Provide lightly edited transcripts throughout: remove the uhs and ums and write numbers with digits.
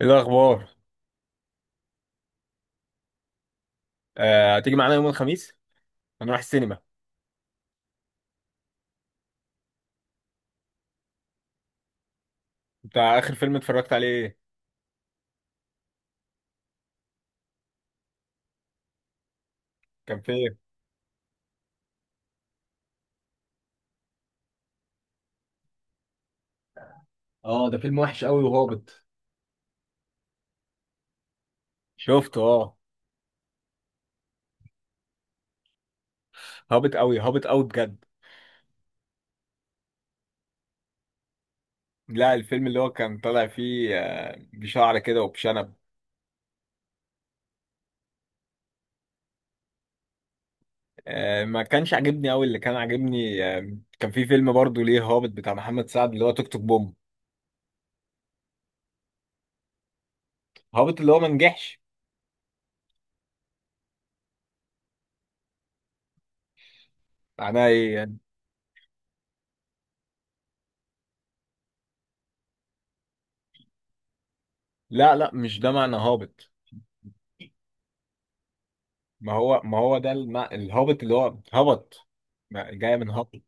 ايه الاخبار؟ هتيجي معانا يوم الخميس؟ هنروح السينما. بتاع اخر فيلم اتفرجت عليه ايه؟ كان فين؟ اه، ده فيلم وحش قوي وهابط. شفته، اه. هابط قوي، هابط قوي بجد. لا، الفيلم اللي هو كان طالع فيه بشعر كده وبشنب. ما كانش عاجبني قوي. اللي كان عاجبني، كان في فيلم برضه ليه هابط بتاع محمد سعد اللي هو توك توك بوم. هابط اللي هو ما نجحش. معناه ايه يعني؟ لا لا، مش ده معنى هابط. ما هو ده الهابط اللي هو هبط. جاية من هبط.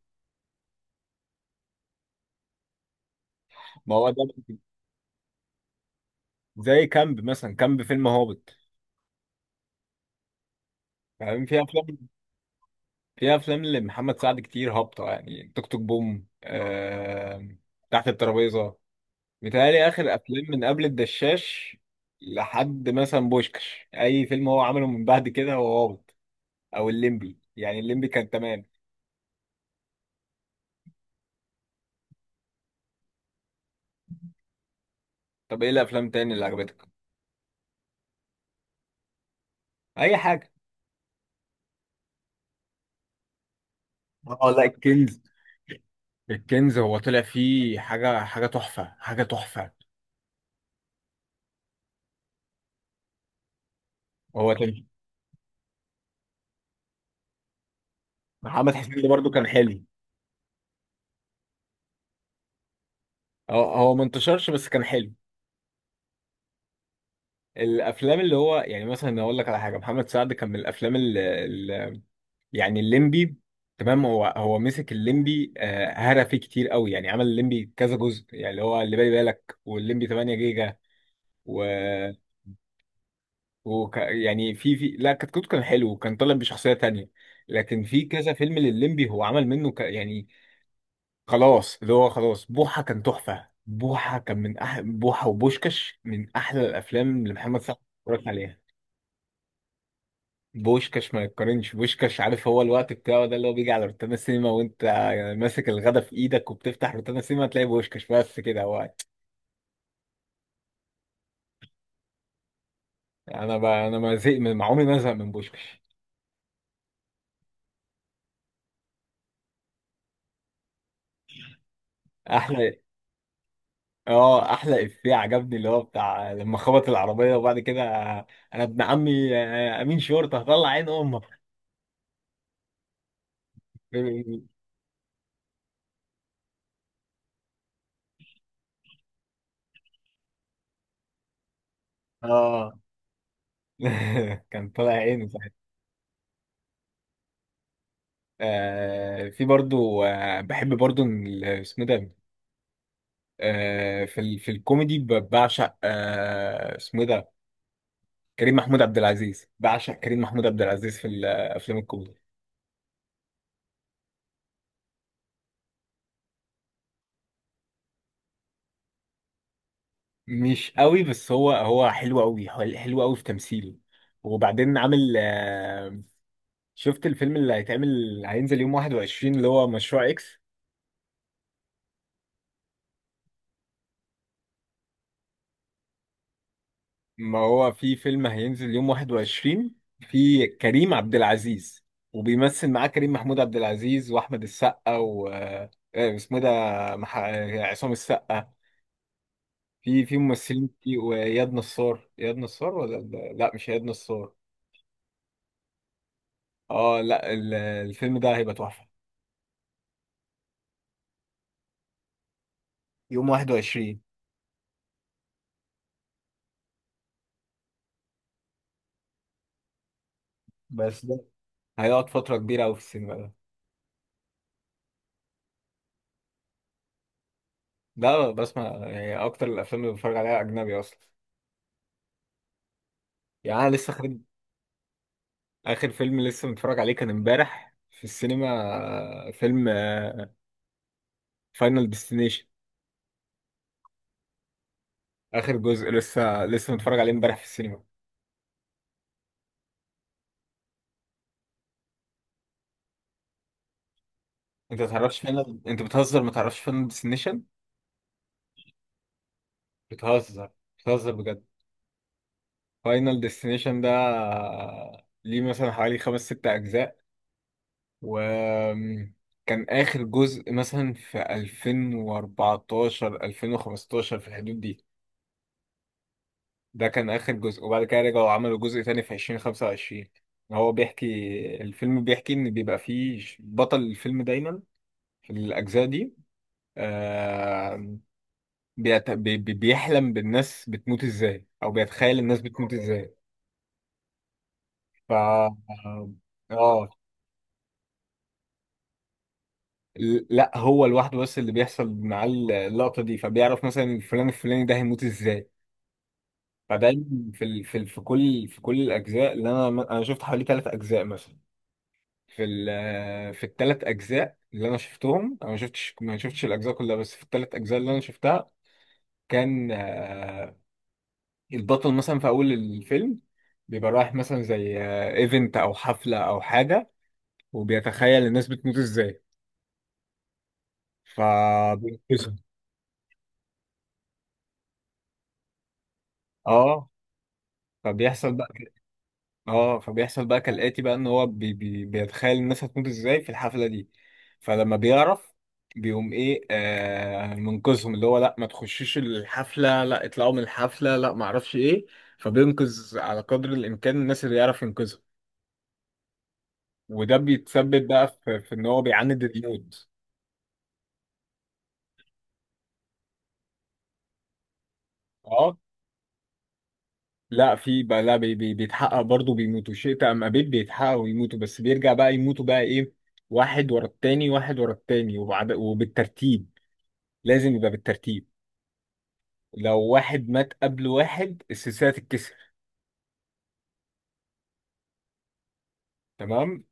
ما هو ده. زي كامب مثلا، كامب فيلم هابط. فاهم. في افلام لمحمد سعد كتير هابطه، يعني توك توك بوم. تحت الترابيزه. متهيألي اخر افلام من قبل الدشاش لحد مثلا بوشكش، اي فيلم هو عمله من بعد كده هو هابط. او الليمبي، يعني الليمبي كان تمام. طب ايه الافلام تاني اللي عجبتك؟ اي حاجه. اه، لا، الكنز. الكنز، هو طلع فيه حاجه، حاجه تحفه، حاجه تحفه. هو كان. محمد حسين ده برضه كان حلو. هو ما انتشرش بس كان حلو. الافلام اللي هو يعني مثلا اقول لك على حاجه، محمد سعد كان من الافلام اللي يعني الليمبي. تمام، هو مسك الليمبي، هرى فيه كتير قوي، يعني عمل الليمبي كذا جزء، يعني اللي هو اللي بالي بالك، والليمبي 8 جيجا و, يعني في، لا، كتكوت كان حلو وكان طالع بشخصيه تانية. لكن في كذا فيلم للليمبي هو عمل منه، يعني خلاص، اللي هو خلاص بوحه كان تحفه، بوحه كان من بوحه وبوشكش من احلى الافلام اللي محمد سعد اتفرجت عليها. بوشكاش ما يتقارنش. بوشكاش، عارف هو الوقت بتاعه ده اللي هو بيجي على روتانا سينما، وانت يعني ماسك الغدا في ايدك وبتفتح روتانا سينما تلاقي بوشكاش، بس كده هو. انا ما عمري ما ازهق من بوشكاش. احلى. اه، احلى افيه عجبني اللي هو بتاع لما خبط العربيه وبعد كده، انا ابن عمي، امين شرطه هطلع عين امك. اه. كان طالع عينه ساعتها. في برضو، بحب برضو إن اسمه ده. في الكوميدي بعشق، اسمه ايه ده؟ كريم محمود عبد العزيز، بعشق كريم محمود عبد العزيز في الافلام الكوميدي. مش قوي، بس هو حلو قوي، حلو قوي في تمثيله. وبعدين عامل، شفت الفيلم اللي هيتعمل هينزل يوم 21 اللي هو مشروع اكس؟ ما هو في فيلم هينزل يوم 21. في كريم عبد العزيز، وبيمثل معاه كريم محمود عبد العزيز واحمد السقا و آه، اسمه إيه ده؟ عصام السقا. في ممثلين كتير، وإياد نصار، إياد نصار ولا، لا لا، مش إياد نصار. اه، لا، الفيلم ده هيبقى تحفة. يوم 21. بس ده هيقعد فترة كبيرة أوي في السينما ده. لا، بسمع يعني أكتر الأفلام اللي بتفرج عليها أجنبي أصلا. يعني أنا لسه خارج. آخر فيلم لسه متفرج عليه كان امبارح في السينما، فيلم فاينل ديستنيشن. آخر جزء لسه متفرج عليه امبارح في السينما. أنت متعرفش فاينل؟ أنت بتهزر، متعرفش فاينل ديستنيشن؟ بتهزر بتهزر بجد. فاينل ديستنيشن ده ليه مثلا حوالي خمس ست أجزاء، وكان آخر جزء مثلا في 2014، 2015، في الحدود دي. ده كان آخر جزء، وبعد كده رجعوا عملوا جزء تاني في 2025. هو بيحكي، الفيلم بيحكي إن بيبقى فيه بطل الفيلم دايما في الأجزاء دي، آه، بيحلم بالناس بتموت ازاي أو بيتخيل الناس بتموت ازاي. ف اه، لا، هو لوحده، بس اللي بيحصل معاه اللقطة دي فبيعرف مثلا الفلان الفلاني ده هيموت ازاي. فدايما في كل الأجزاء، اللي أنا شفت حوالي ثلاث أجزاء مثلا. في الثلاث أجزاء اللي أنا شفتهم، أنا ما شفتش الأجزاء كلها، بس في الثلاث أجزاء اللي أنا شفتها كان، البطل مثلا في أول الفيلم بيبقى رايح مثلا زي ايفنت أو حفلة أو حاجة، وبيتخيل الناس بتموت ازاي فبينقذهم. اه، فبيحصل بقى. اه، فبيحصل بقى كالآتي: بقى ان هو بي بي بيتخيل الناس هتموت ازاي في الحفلة دي. فلما بيعرف بيقوم ايه؟ منقذهم، اللي هو لا ما تخشوش الحفلة، لا اطلعوا من الحفلة، لا ما اعرفش ايه. فبينقذ على قدر الامكان الناس اللي يعرف ينقذها. وده بيتسبب بقى في ان هو بيعاند الموت. اه، لا في بقى، لا، بي بي بيتحقق برضه، بيموتوا شئت ام ابيت، بيتحققوا ويموتوا، بس بيرجع بقى يموتوا بقى ايه، واحد ورا التاني، واحد ورا التاني، وبالترتيب. لازم يبقى بالترتيب. لو واحد مات قبل واحد السلسلة تتكسر. تمام.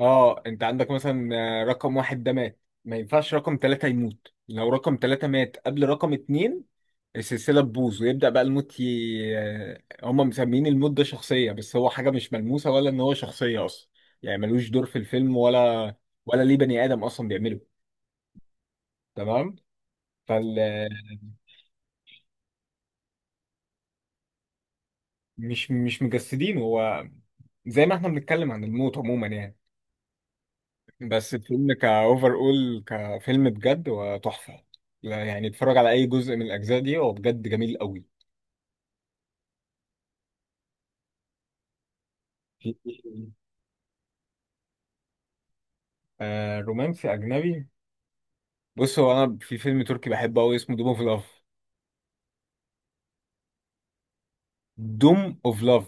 اه، انت عندك مثلا، رقم واحد ده مات، ما ينفعش رقم ثلاثة يموت. لو رقم ثلاثة مات قبل رقم اتنين السلسلة تبوظ، ويبدأ بقى الموت هم مسميين الموت ده شخصية بس هو حاجة مش ملموسة، ولا ان هو شخصية اصلا، يعني ملوش دور في الفيلم، ولا ولا ليه بني آدم اصلا بيعمله. تمام. فال مش مجسدين هو، زي ما احنا بنتكلم عن الموت عموما يعني. بس الفيلم كأوفر أول كفيلم بجد وتحفة. لا يعني، اتفرج على أي جزء من الأجزاء دي، هو بجد جميل قوي. في- آه، رومانسي أجنبي. بص، هو أنا في فيلم تركي بحبه قوي اسمه دوم أوف لاف. دوم أوف لاف.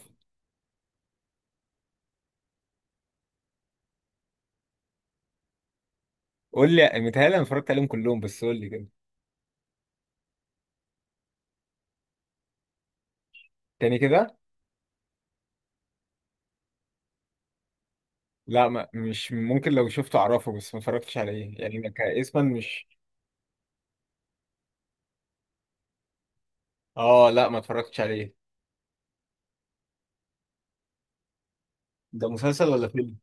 قول لي، متهيألي أنا اتفرجت عليهم كلهم بس قول لي كده. تاني كده. لا، ما مش ممكن، لو شفته أعرفه بس ما اتفرجتش عليه، يعني أنا كاسما مش. آه، لا ما اتفرجتش عليه. ده مسلسل ولا فيلم؟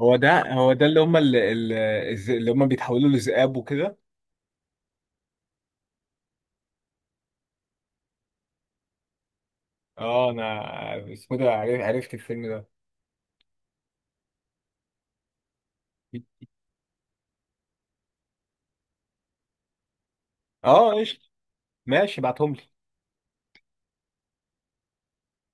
هو ده اللي هم بيتحولوا لذئاب وكده. اه، انا اسمه ده عرفت الفيلم ده. اه، قشطة. ماشي، ابعتهم لي.